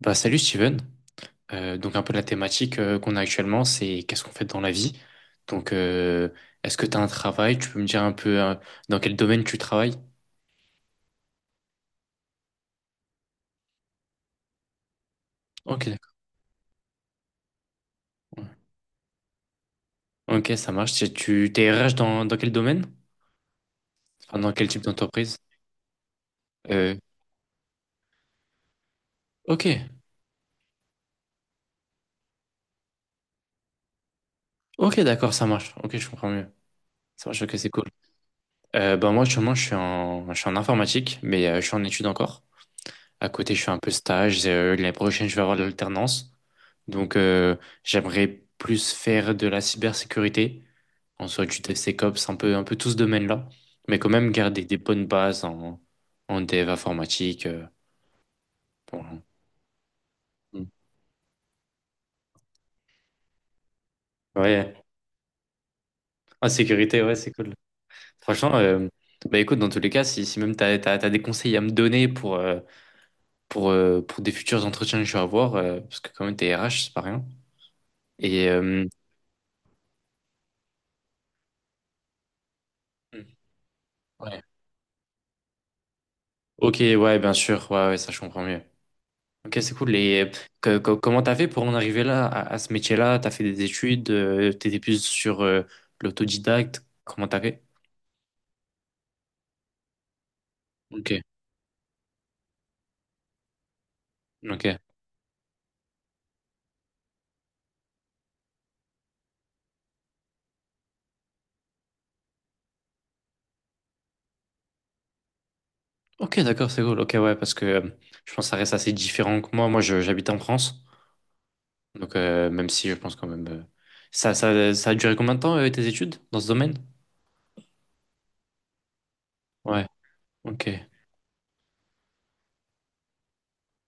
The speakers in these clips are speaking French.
Bah, salut Steven. Donc un peu la thématique qu'on a actuellement, c'est qu'est-ce qu'on fait dans la vie. Donc euh, Est-ce que tu as un travail? Tu peux me dire un peu dans quel domaine tu travailles? Ok, d'accord. Ouais. Ok, ça marche. T'es RH dans quel domaine? Enfin, dans quel type d'entreprise? Euh, ok, ok, d'accord, ça marche. Ok, je comprends mieux. Ça marche, ok, c'est cool. Bah, moi, actuellement, je suis en informatique, mais je suis en études encore. À côté, je fais un peu stage. L'année prochaine, je vais avoir de l'alternance. Donc, euh, J'aimerais plus faire de la cybersécurité, en soit du DevSecOps, un peu tout ce domaine-là, mais quand même garder des bonnes bases en dev informatique. Pour- Mm. Ouais, en sécurité, ouais, c'est cool. Franchement, bah écoute, dans tous les cas, si même t'as des conseils à me donner pour des futurs entretiens que je vais avoir, parce que quand même, t'es RH, c'est pas rien. Et, Ouais. Ok, ouais, bien sûr, ouais, ouais, ça, je comprends mieux. Ok, c'est cool. Et comment t'as fait pour en arriver là, à ce métier-là? T'as fait des études, t'étais plus sur l'autodidacte. Comment t'as fait? Ok, ok. Ok, d'accord, c'est cool. Ok, ouais, parce que je pense que ça reste assez différent que moi. Moi, j'habite en France. Même si je pense quand même. Ça a duré combien de temps, tes études dans ce domaine? Ouais, ok.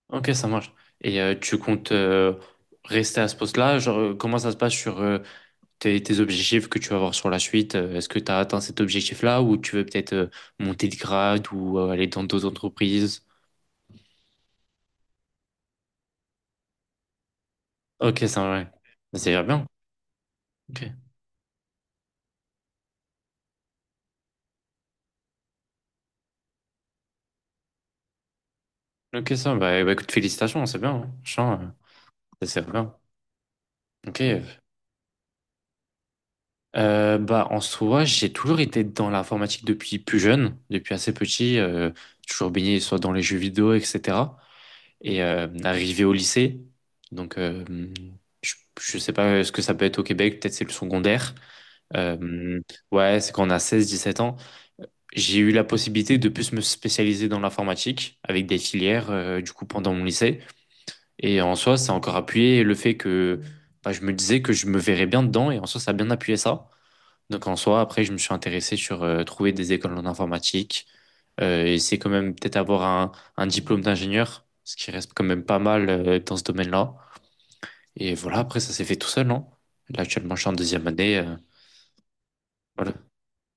Ok, ça marche. Et tu comptes rester à ce poste-là? Genre, comment ça se passe sur tes objectifs que tu vas avoir sur la suite. Est-ce que tu as atteint cet objectif-là ou tu veux peut-être monter de grade ou aller dans d'autres entreprises? Ok, ça, ouais. C'est déjà bien. Ok, ok, ça, bah, bah, écoute, félicitations, c'est bien, hein. Franchement, ça, c'est bien. Ok. Bah, en soi, j'ai toujours été dans l'informatique depuis plus jeune, depuis assez petit. Euh, toujours baigné soit dans les jeux vidéo, etc. Et arrivé au lycée, donc euh, je, je sais pas ce que ça peut être au Québec, peut-être c'est le secondaire. Euh, ouais, c'est quand on a seize dix-sept ans. J'ai eu la possibilité de plus me spécialiser dans l'informatique avec des filières, du coup, pendant mon lycée. Et en soi, ça a encore appuyé le fait que bah, je me disais que je me verrais bien dedans. Et en soi, ça a bien appuyé ça. Donc en soi, après, je me suis intéressé sur trouver des écoles en informatique. Et c'est quand même peut-être avoir un diplôme d'ingénieur, ce qui reste quand même pas mal dans ce domaine-là. Et voilà, après, ça s'est fait tout seul, non? Là, actuellement, je suis en deuxième année. Voilà.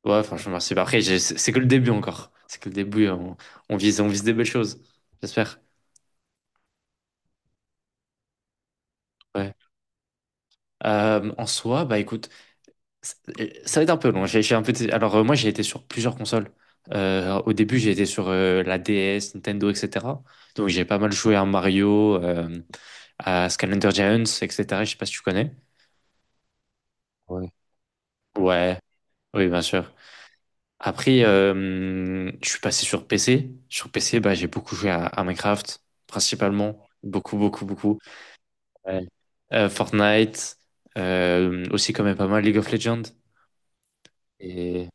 Ouais, franchement, merci. Bah, après, c'est que le début encore. C'est que le début, hein. On vise, on vise des belles choses. J'espère. Ouais. En soi, bah écoute, ça ça va être un peu long. J'ai un peu été- Alors, moi, j'ai été sur plusieurs consoles. Au début, j'ai été sur la DS, Nintendo, etc. Donc, j'ai pas mal joué à Mario, à Skylander Giants, etc. Je sais pas si tu connais. Ouais. Ouais, oui, bien sûr. Après, je suis passé sur PC. Sur PC, bah, j'ai beaucoup joué à Minecraft, principalement. Beaucoup, beaucoup, beaucoup. Ouais. Fortnite, aussi quand même pas mal League of Legends. Et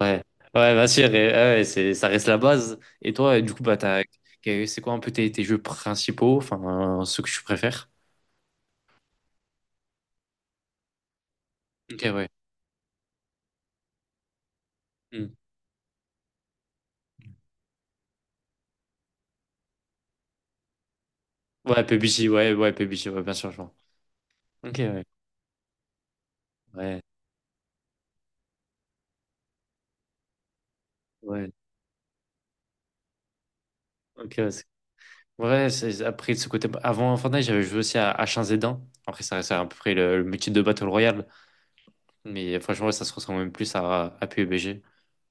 ouais, ouais, bien sûr. Et, ouais, c'est, ça reste la base. Et toi, du coup, bah, c'est quoi un peu tes jeux principaux, enfin, ceux que tu préfères? Ok, ouais. Hmm. Ouais, PUBG, ouais, ouais, PUBG, ouais, bien sûr, je vois. Ok, ouais, ouais, ouais. Ok, ouais, Ouais, c'est- après de ce côté, bah, avant Fortnite, j'avais joué aussi à H1Z1. Après, ça reste à peu près le même type de Battle Royale. Mais franchement, ouais, ça se ressemble même plus à PUBG.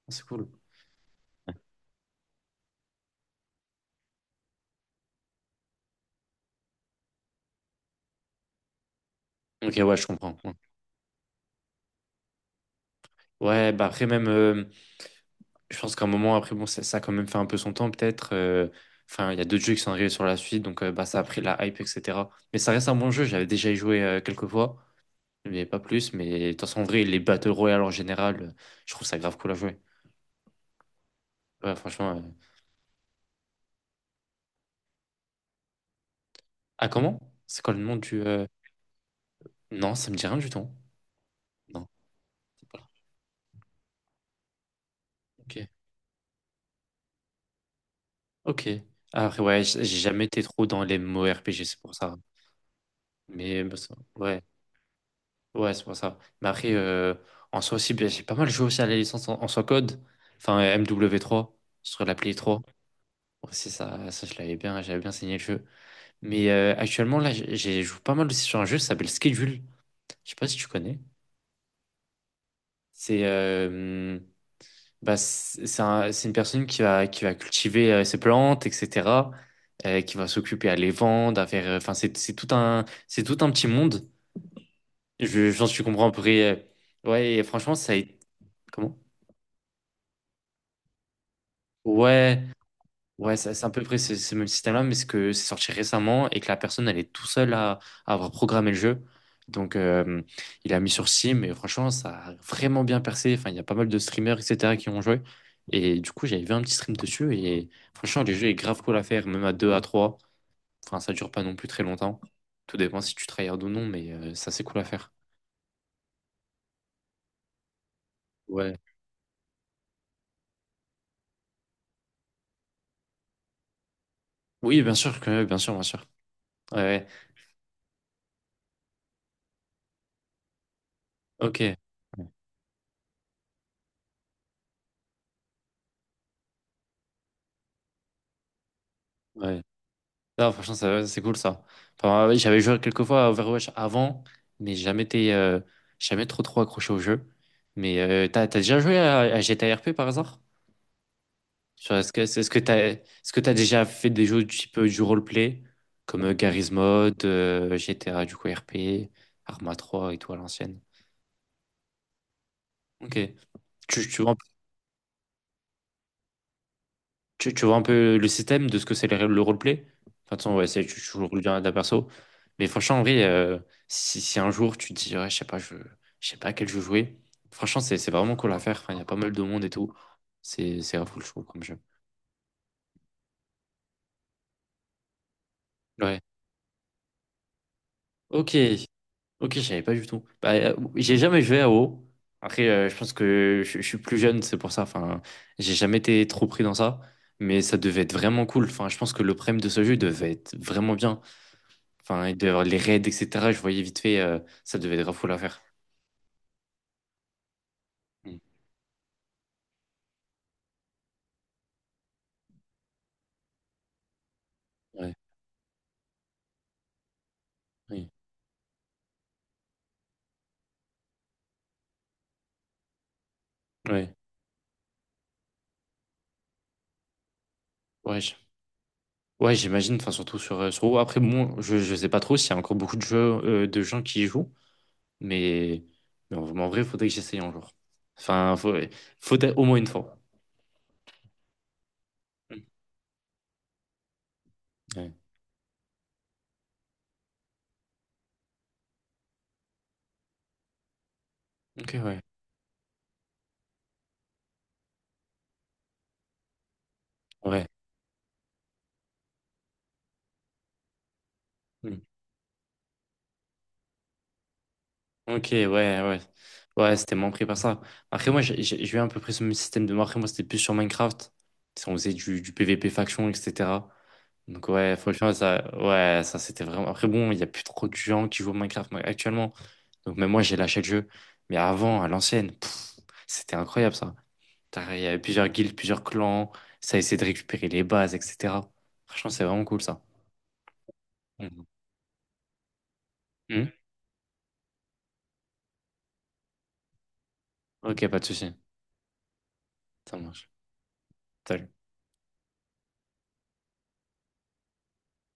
C'est cool. Ok, ouais, je comprends. Ouais, Ouais, bah après, même, je pense qu'à un moment, après, bon, ça a quand même fait un peu son temps, peut-être. Euh, enfin, il y a d'autres jeux qui sont arrivés sur la suite, donc bah, ça a pris la hype, etc. Mais ça reste un bon jeu, j'avais déjà y joué quelques fois, mais pas plus. Mais de toute façon, en vrai, les Battle Royale en général, je trouve ça grave cool à jouer. Ouais, franchement. Ah, comment? C'est quoi le nom du. Non, ça me dit rien du tout. Non, c'est pas là. Ok. Ok. Après, ouais, j'ai jamais été trop dans les mots RPG, c'est pour ça. Mais bah, ça- ouais, ouais, c'est pour ça. Mais après, en soi aussi, bah, j'ai pas mal joué aussi à la licence en soi code. Enfin, MW3 sur la Play 3. C'est ça, j'avais bien saigné le jeu. Mais actuellement, là, j'ai joué pas mal aussi sur un jeu qui s'appelle Schedule. Je sais pas si tu connais. C'est bah, c'est une personne qui va cultiver ses plantes, etc. Euh, qui va s'occuper à les vendre, à faire. Euh, enfin, c'est tout un petit monde. Je pense que tu comprends à peu près. Euh, ouais, et franchement, ça a été. Comment? Ouais. Ouais, c'est à peu près ce même système-là, mais c'est que c'est sorti récemment et que la personne, elle est tout seule à avoir programmé le jeu. Donc, il a mis sur Steam et franchement, ça a vraiment bien percé. Enfin, il y a pas mal de streamers, etc., qui ont joué. Et du coup, j'avais vu un petit stream dessus et franchement, le jeu est grave cool à faire, même à 2 à trois. Enfin, ça dure pas non plus très longtemps. Tout dépend si tu tryhard ou non, mais ça, c'est cool à faire. Ouais. Oui, bien sûr que, bien sûr, bien sûr. Ouais, ouais. Ok. Ouais. Non, franchement, ça- c'est cool ça. Enfin, ouais, j'avais joué quelques fois à Overwatch avant, mais jamais été, jamais trop trop accroché au jeu. Mais t'as déjà joué à GTA RP par hasard? Genre, est-ce que, est-ce que t'as déjà fait des jeux du type du roleplay, comme Garry's Mod, GTA du coup RP, Arma 3 et tout à l'ancienne? Ok. Tu, tu, tu vois un peu le système de ce que c'est le roleplay? Enfin, de toute façon, ouais, c'est, tu tu joues le bien d'un perso. Mais franchement, en vrai, si un jour tu te dis, ouais, je sais pas, je sais pas à quel jeu jouer, franchement, c'est vraiment cool à faire. Enfin, il y a pas mal de monde et tout. C'est grave cool, je trouve, comme jeu. Ouais. Ok, ok, je savais pas du tout. Bah, j'ai jamais joué à WoW. Après, je pense que je suis plus jeune, c'est pour ça. Enfin, j'ai jamais été trop pris dans ça. Mais ça devait être vraiment cool. Enfin, je pense que le prime de ce jeu devait être vraiment bien. Enfin, il devait y avoir les raids, etc. Je voyais vite fait, ça devait être grave cool à faire. Mm. Ouais, oui, ouais, ouais, ouais, j'imagine, enfin, surtout sur, sur WoW. Après, bon, je sais pas trop s'il y a encore beaucoup de jeux, de gens qui y jouent, mais, mais en, en vrai, il faudrait que j'essaye un jour. Enfin, faut- Faudrait au moins une fois. Mm. Ouais. Ok, ouais, ouais. Mm. Ok, ouais, ouais. Ouais, c'était moins pris par ça. Après, moi, j'ai eu à peu près ce même système de moi. Après, moi, c'était plus sur Minecraft. On faisait du PVP faction, etc. Donc ouais, franchement, ça, ouais, ça c'était vraiment... Après bon, il n'y a plus trop de gens qui jouent au Minecraft moi, actuellement. Donc même moi, j'ai lâché le jeu. Mais avant, à l'ancienne, pff, c'était incroyable ça. T'as- Il y avait plusieurs guildes, plusieurs clans. Ça essayait de récupérer les bases, etc. Franchement, c'est vraiment cool ça. Mhm. Mhm. Ok, pas de souci. Ça marche. Salut.